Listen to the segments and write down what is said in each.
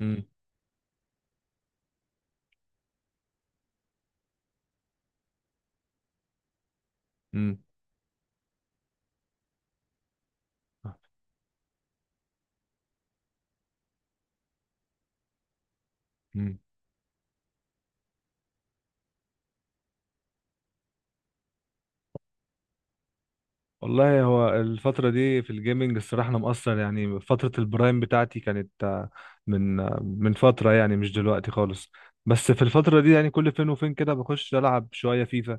مم. مم. مم. والله هو الفترة دي في الجيمنج الصراحة أنا مقصر، يعني فترة البرايم بتاعتي كانت من من فترة، يعني مش دلوقتي خالص. بس في الفترة دي يعني كل فين وفين كده بخش ألعب شوية فيفا.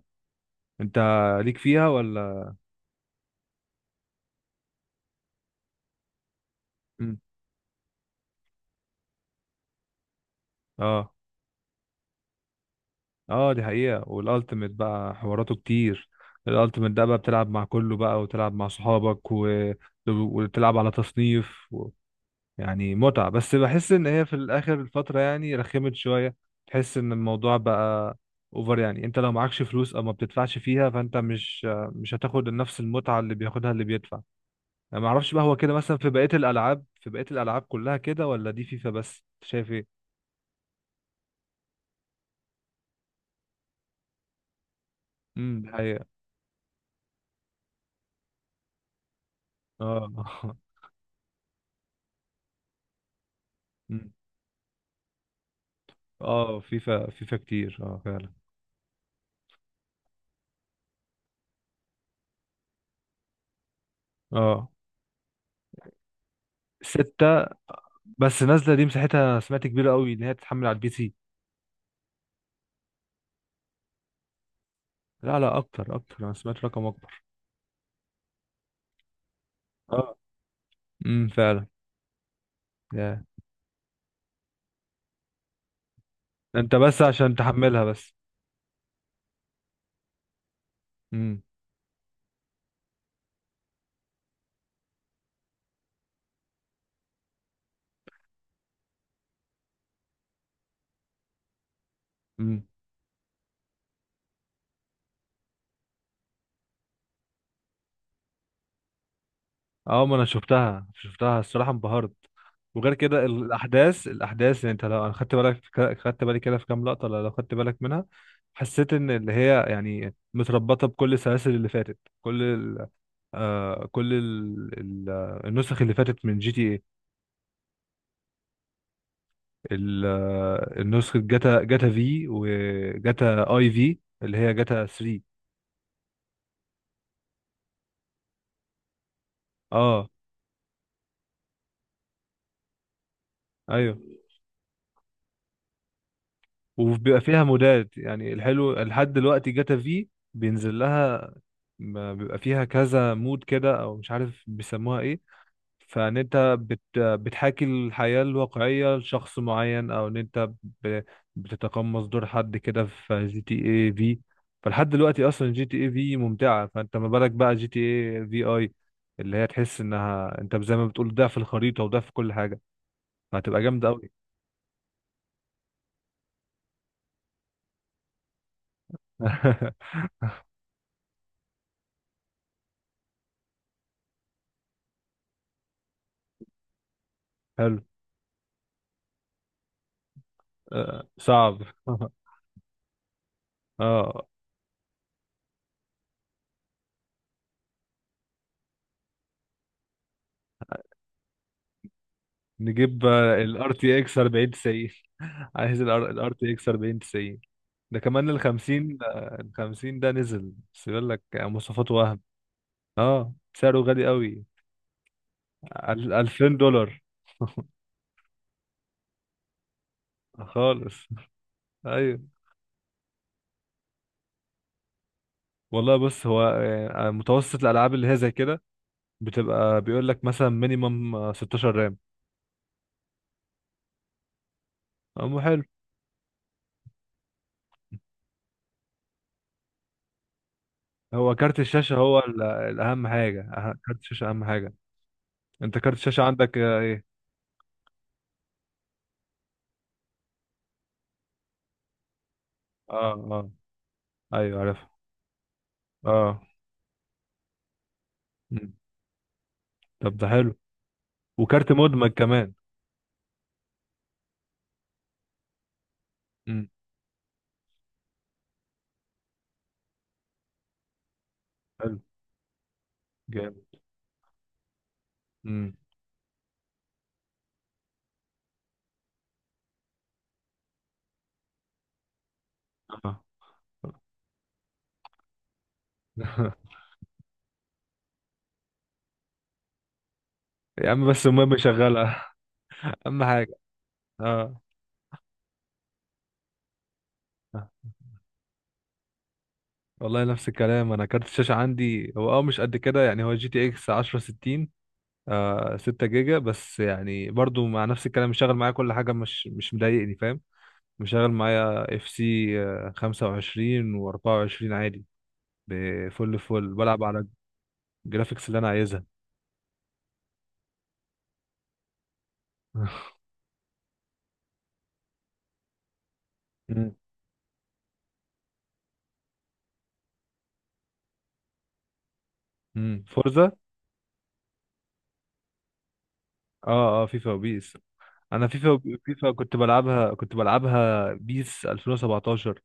أنت ليك فيها ولا؟ مم. اه اه، دي حقيقة، والألتيميت بقى حواراته كتير. الألتيميت ده بقى بتلعب مع كله بقى وتلعب مع صحابك و... وتلعب على تصنيف، يعني متعة. بس بحس ان هي في الاخر الفترة يعني رخمت شوية، تحس ان الموضوع بقى اوفر. يعني انت لو معكش فلوس او ما بتدفعش فيها، فانت مش هتاخد نفس المتعة اللي بياخدها اللي بيدفع. يعني ما اعرفش بقى هو كده، مثلا في بقية الالعاب كلها كده، ولا دي فيفا بس؟ أنت شايف ايه؟ دي حقيقة. اه. أمم. اه، فيفا كتير، اه فعلا. اه، ستة. بس نازلة دي مساحتها سمعت كبيرة قوي، ان هي تتحمل على البي سي. لا لا، اكتر اكتر، انا سمعت رقم اكبر. اه. امم، فعلا. يا. انت بس عشان تحملها بس. امم. امم، اه ما انا شفتها الصراحه انبهرت. وغير كده الاحداث، يعني انت لو انا خدت بالك في خدت بالي كده في كام لقطه، لو خدت بالك منها، حسيت ان اللي هي يعني متربطه بكل السلاسل اللي فاتت، كل ال... آه كل ال... ال... آه، النسخ اللي فاتت من جي تي ايه. ال... آه، النسخه جاتا في وجاتا اي في اللي هي جاتا 3. اه ايوه. وبيبقى فيها مودات، يعني الحلو لحد دلوقتي جاتا في بينزل لها، ما بيبقى فيها كذا مود كده، او مش عارف بيسموها ايه، فان انت بتحاكي الحياة الواقعية لشخص معين، او ان انت ب- بتتقمص دور حد كده في جي تي اي في. فلحد دلوقتي اصلا جي تي اي في ممتعة، فانت ما بالك بقى جي تي اي في اي، اللي هي تحس انها انت زي ما بتقول ده في الخريطة وده في كل حاجة، فهتبقى جامدة قوي. حلو. صعب. اه، نجيب الار تي اكس 4090. عايز الار تي اكس 4090. ده كمان ال 50 ده نزل بس بيقول لك يعني مواصفات وهم. اه، سعره غالي قوي، $2000. خالص. ايوه. والله بص هو، متوسط الالعاب اللي هي زي كده بتبقى بيقول لك مثلا مينيمم 16 رام. حلو. هو كارت الشاشه، هو كارت الشاشه اهم حاجه. انت كارت الشاشه عندك ايه؟ اه اه، ايوه عارف. اه. مم. طب ده حلو. وكارت مدمج كمان. مم. حلو. جامد. مم. آه. يا عم، بس المهم يشغلها. اهم حاجه. اه. آه. والله نفس الكلام، انا كارت الشاشه عندي هو مش قد كده، يعني هو جي تي اكس 1060، 6 جيجا بس، يعني برضو مع نفس الكلام مشغل معايا كل حاجه، مش مضايقني، فاهم. مشغل معايا اف سي 25 و24 عادي، بفل فل بلعب على الجرافيكس اللي انا عايزها. فورزا. اه اه، فيفا وبيس. انا فيفا كنت بلعبها بيس 2017،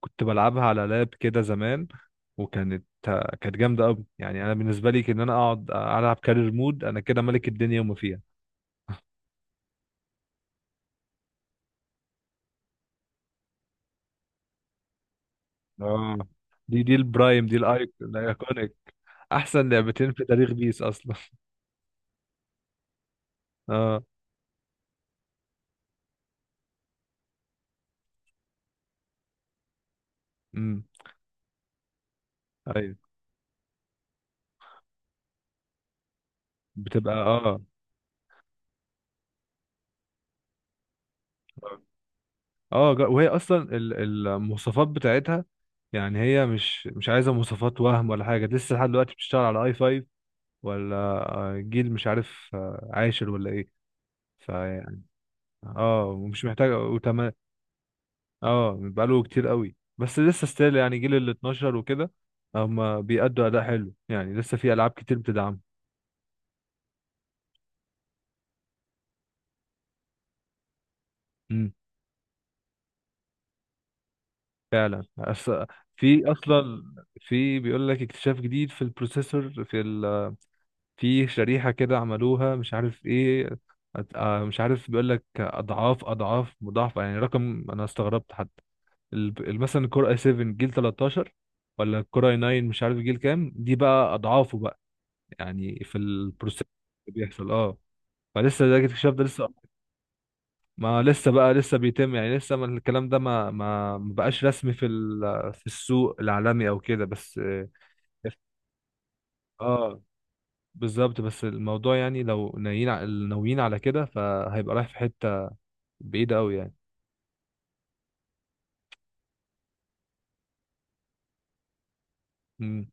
كنت بلعبها على لاب كده زمان، وكانت جامده قوي. يعني انا بالنسبه لي ان انا اقعد العب كارير مود، انا كده ملك الدنيا وما فيها. اه. دي البرايم، دي الايكونيك. احسن لعبتين في تاريخ بيس اصلا. اه. امم ايوه. بتبقى اه. اه، وهي اصلا المواصفات بتاعتها، يعني هي مش عايزه مواصفات وهم ولا حاجه، لسه لحد دلوقتي بتشتغل على اي 5، ولا جيل مش عارف عاشر ولا ايه. فيعني اه، ومش محتاجه وتمام. اه، بقاله كتير قوي بس لسه ستيل، يعني جيل ال 12 وكده هما بيأدوا اداء حلو، يعني لسه في العاب كتير بتدعم. امم فعلا. في اصلا، في بيقول لك اكتشاف جديد في البروسيسور، في شريحة كده عملوها مش عارف ايه. مش عارف، بيقول لك اضعاف مضاعفة، يعني رقم انا استغربت حتى، مثلا الكور اي 7 جيل 13 ولا الكور اي 9 مش عارف جيل كام، دي بقى اضعافه بقى يعني في البروسيس اللي بيحصل، اه. فلسه ده الاكتشاف ده لسه، ما لسه بقى لسه بيتم، يعني لسه ما الكلام ده ما بقاش رسمي في في السوق العالمي او كده، بس اه. آه. بالظبط. بس الموضوع يعني لو ناويين ناويين على كده، فهيبقى رايح في حتة بعيدة قوي يعني. امم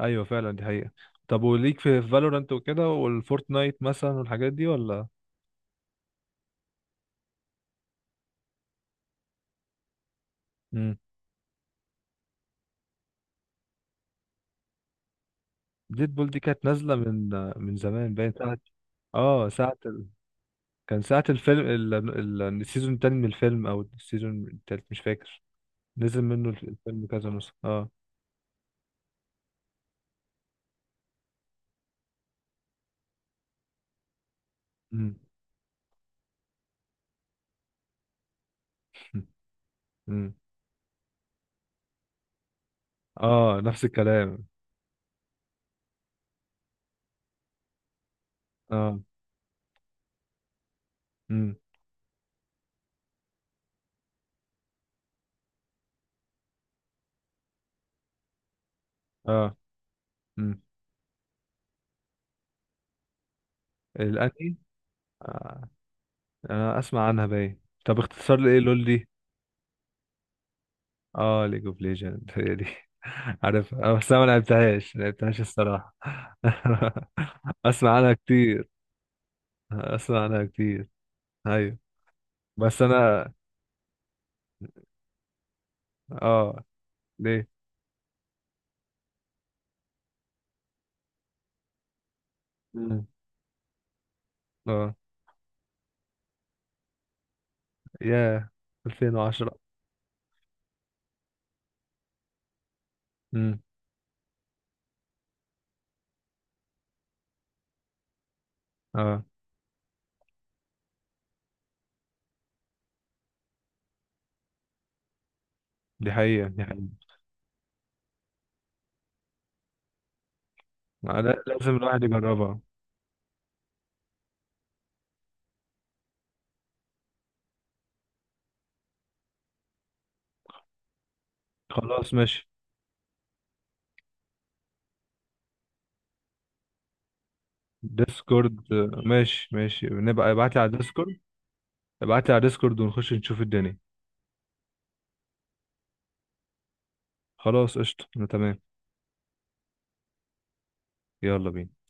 ايوه، فعلا دي حقيقة. طب وليك في فالورانت وكده والفورتنايت مثلا والحاجات دي ولا؟ امم ديد بول دي كانت نازلة من زمان، باين ساعة. اه، ساعة كان ساعة الفيلم، السيزون التاني من الفيلم او السيزون التالت مش فاكر، نزل منه الفيلم كذا نسخة. اه. امم. امم اه. نفس الكلام. اه امم. اه امم. الانمي. آه، اسمع عنها باين. طب اختصار لايه لول دي؟ اه، ليج اوف ليجند، هي دي. عارفها، بس انا ما لعبتهاش الصراحه. اسمع عنها كتير اسمع عنها كتير. ايوه، بس انا اه. ليه؟ مم. اه. ياه، 2010. امم. اه، دي حقيقة دي حقيقة. لازم الواحد يجربها. خلاص ماشي. ديسكورد، ماشي ماشي، نبقى ابعتلي على ديسكورد. ابعتلي على ديسكورد ونخش نشوف الدنيا. خلاص قشطة، أنا تمام. يلا بينا.